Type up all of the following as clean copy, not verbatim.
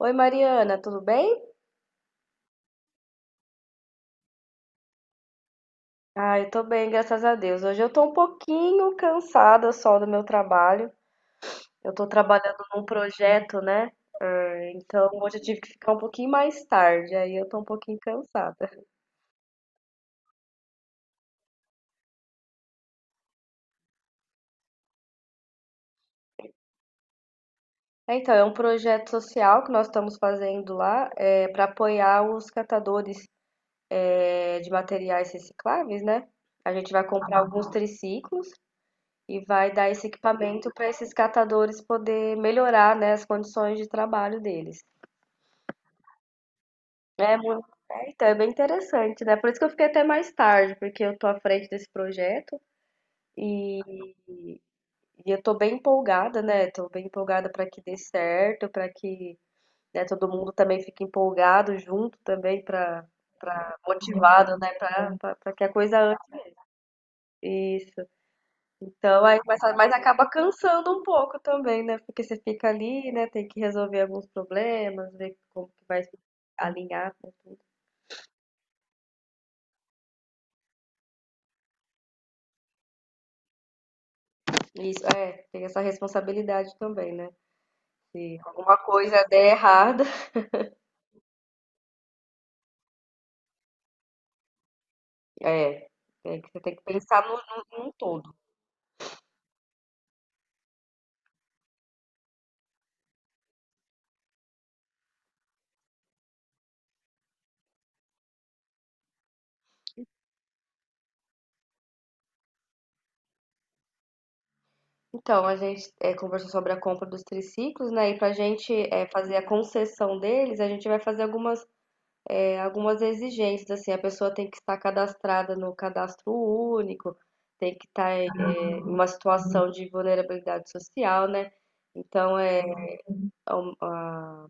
Oi, Mariana, tudo bem? Ah, eu tô bem, graças a Deus. Hoje eu tô um pouquinho cansada só do meu trabalho. Eu tô trabalhando num projeto, né? Então hoje eu tive que ficar um pouquinho mais tarde, aí eu tô um pouquinho cansada. É, então, é um projeto social que nós estamos fazendo lá, para apoiar os catadores, de materiais recicláveis, né? A gente vai comprar alguns triciclos e vai dar esse equipamento para esses catadores poder melhorar, né, as condições de trabalho deles. É muito. É, então, é bem interessante, né? Por isso que eu fiquei até mais tarde, porque eu tô à frente desse projeto e, e eu tô bem empolgada, né? Tô bem empolgada para que dê certo, para que, né, todo mundo também fique empolgado junto também para motivado, né? Para que a coisa ande. Isso. Então, aí, mas acaba cansando um pouco também, né? Porque você fica ali, né? Tem que resolver alguns problemas, ver como que vai alinhar. Isso, é, tem essa responsabilidade também, né? Se alguma coisa der errada, é, é que você tem que pensar no, no, num todo. Então, a gente conversou sobre a compra dos triciclos, né? E pra gente fazer a concessão deles, a gente vai fazer algumas exigências, assim, a pessoa tem que estar cadastrada no cadastro único, tem que estar em uma situação de vulnerabilidade social, né? Então, é um, a-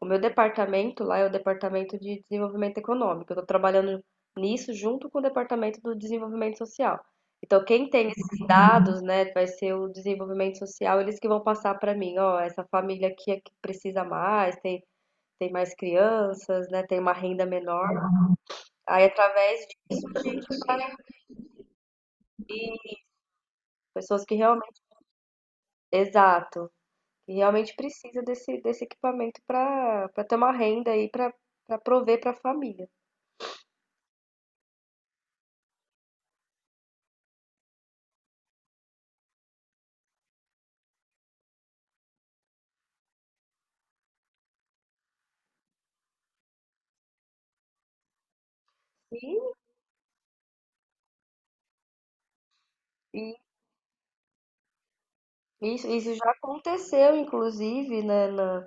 o meu departamento lá é o departamento de desenvolvimento econômico. Eu estou trabalhando nisso junto com o departamento do desenvolvimento social. Então, quem tem esses dados, né, vai ser o desenvolvimento social, eles que vão passar para mim, ó, essa família aqui é que precisa mais, tem mais crianças, né, tem uma renda menor. Aí, através disso, a gente vai, pessoas que realmente, exato, que realmente precisa desse equipamento para ter uma renda aí para prover para a família. E, isso já aconteceu, inclusive, né,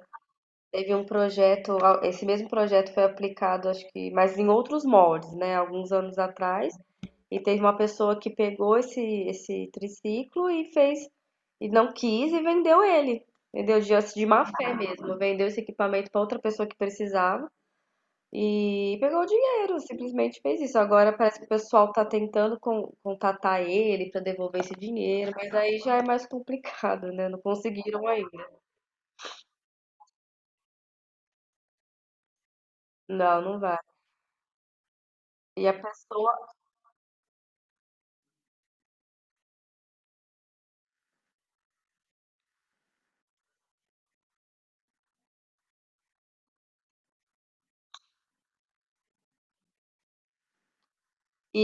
teve um projeto, esse mesmo projeto foi aplicado, acho que, mas em outros moldes, né, alguns anos atrás, e teve uma pessoa que pegou esse triciclo e fez, e não quis e vendeu ele, vendeu de má fé mesmo, vendeu esse equipamento para outra pessoa que precisava, e pegou o dinheiro, simplesmente fez isso. Agora parece que o pessoal tá tentando contatar ele pra devolver esse dinheiro, mas aí já é mais complicado, né? Não conseguiram ainda. Não, não vai. E a pessoa.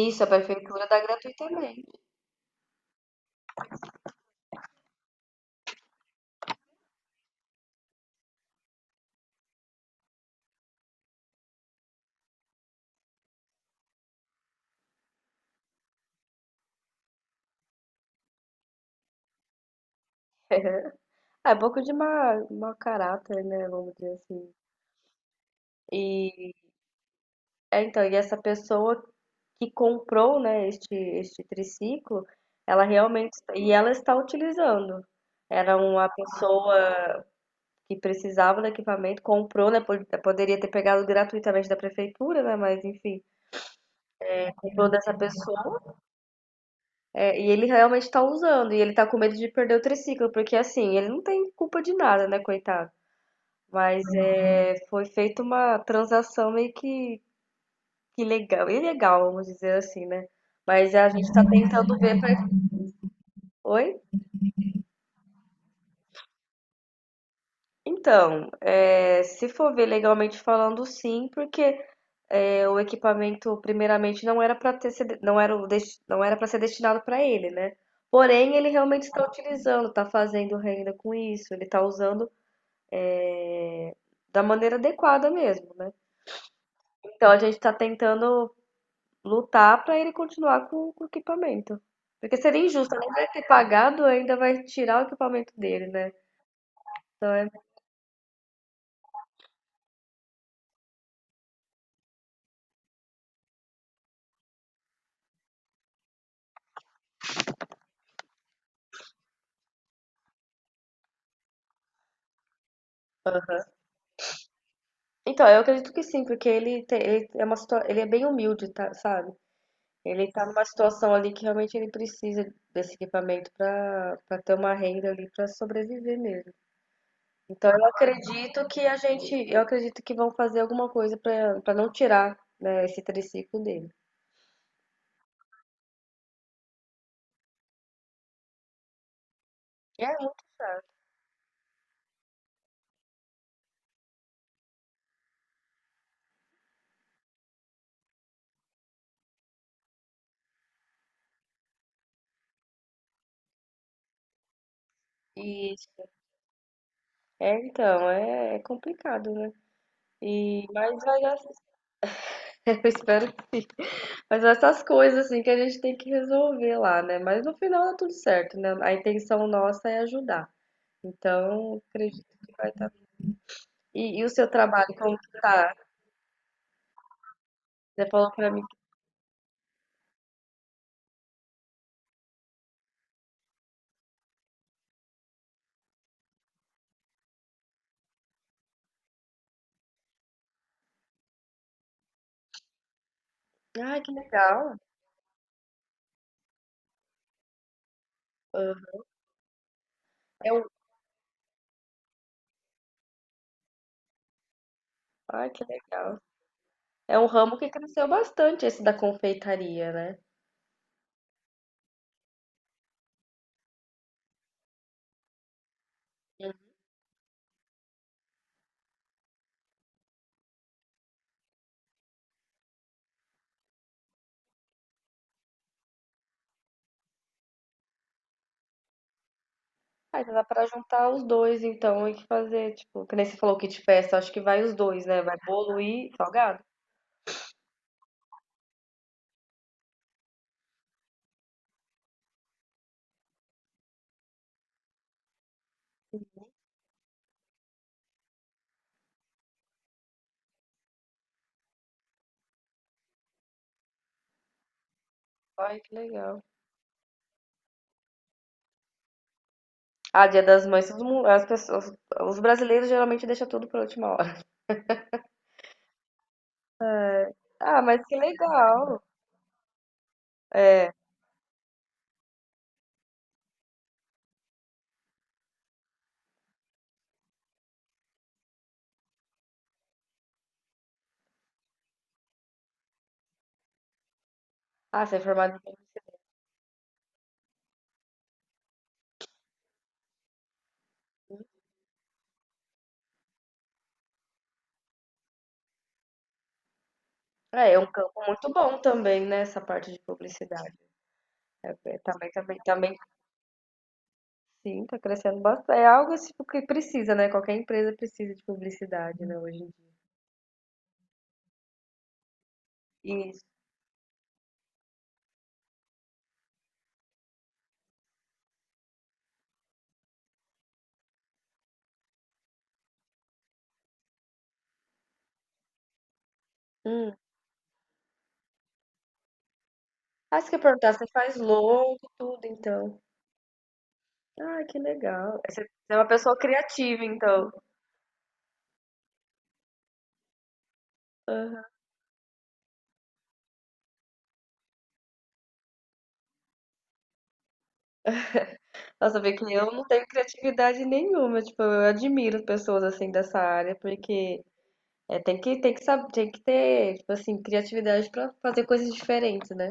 Isso, a prefeitura dá gratuitamente. É pouco de mau caráter, né? Vamos dizer assim. E é, então, e essa pessoa que comprou, né, este triciclo, ela realmente. E ela está utilizando. Era uma pessoa que precisava do equipamento, comprou, né? Poderia ter pegado gratuitamente da prefeitura, né? Mas enfim, comprou dessa pessoa. É, e ele realmente está usando, e ele tá com medo de perder o triciclo, porque assim, ele não tem culpa de nada, né, coitado? Mas é, foi feita uma transação meio que legal, ilegal, vamos dizer assim, né? Mas a gente tá tentando ver pra... Oi? Então, é, se for ver legalmente falando, sim, porque o equipamento primeiramente não era para ter sido- não era o desti- não era para ser destinado para ele, né? Porém, ele realmente está utilizando, está fazendo renda com isso, ele está usando é, da maneira adequada mesmo, né? Então a gente está tentando lutar para ele continuar com o equipamento. Porque seria injusto, além de ele ter pagado, ainda vai tirar o equipamento dele, né? Aham. Então, eu acredito que sim, porque ele, tem, ele é uma situa- ele é bem humilde, tá, sabe? Ele tá numa situação ali que realmente ele precisa desse equipamento para ter uma renda ali para sobreviver mesmo. Então eu acredito que vão fazer alguma coisa para não tirar, né, esse triciclo dele. É muito chato. Isso. É, então, é complicado, né? E mas vai dar, eu espero, mas essas coisas assim que a gente tem que resolver lá, né? Mas no final dá tudo certo, né? A intenção nossa é ajudar. Então, acredito que vai dar. E o seu trabalho, como que tá? Você falou pra mim ah que legal". Hã. É um ah que legal. É um ramo que cresceu bastante esse da confeitaria, né. Sim. Ah, então dá pra juntar os 2 então e fazer, tipo, que nem você falou kit festa, acho que vai os 2 né, vai bolo e salgado? Ai, que legal. Ah, Dia das Mães todo mun as pessoas os brasileiros geralmente deixa tudo pra última hora. Ah, mas que legal. É. Ah, você é formada em é, é um campo muito bom também, né, essa parte de publicidade. É, também, sim, tá crescendo bastante. É algo tipo, que precisa, né? Qualquer empresa precisa de publicidade, né, hoje em dia. Isso. Hum. Ah, você quer perguntar, você faz logo, tudo, então. Ah, que legal. Você é uma pessoa criativa, então. Aham. Nossa, vê que eu não tenho criatividade nenhuma. Tipo, eu admiro pessoas assim dessa área, porque tem que, saber, tem que ter, tipo assim, criatividade pra fazer coisas diferentes, né?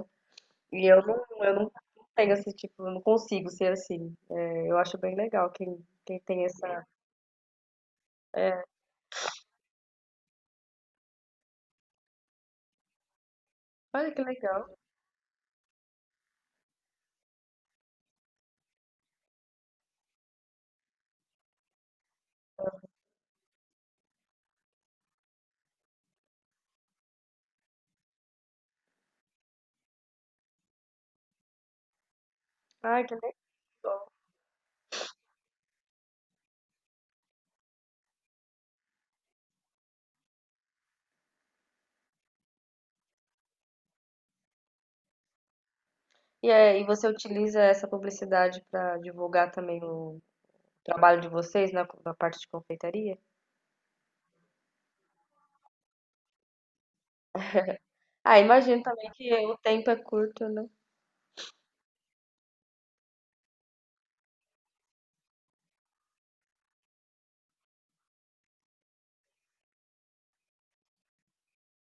E eu não tenho esse tipo, eu não consigo ser assim. É, eu acho bem legal quem tem essa. Olha que legal. Ai, que legal. E você utiliza essa publicidade para divulgar também o trabalho de vocês na parte de confeitaria? Ah, imagino também que o tempo é curto, né?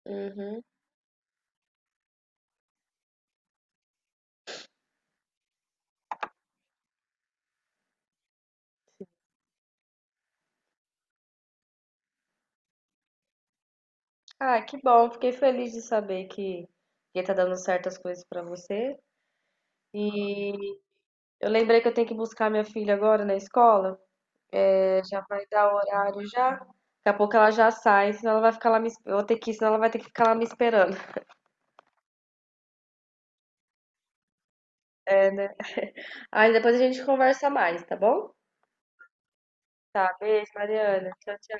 Uhum. Ah, que bom. Fiquei feliz de saber que tá dando certas coisas para você. E eu lembrei que eu tenho que buscar minha filha agora na escola. Já vai dar o horário já. Daqui a pouco ela já sai, senão ela vai ficar lá eu vou ter que, ir, senão ela vai ter que ficar lá me esperando. É, né? Aí depois a gente conversa mais, tá bom? Tá, beijo, Mariana. Tchau, tchau.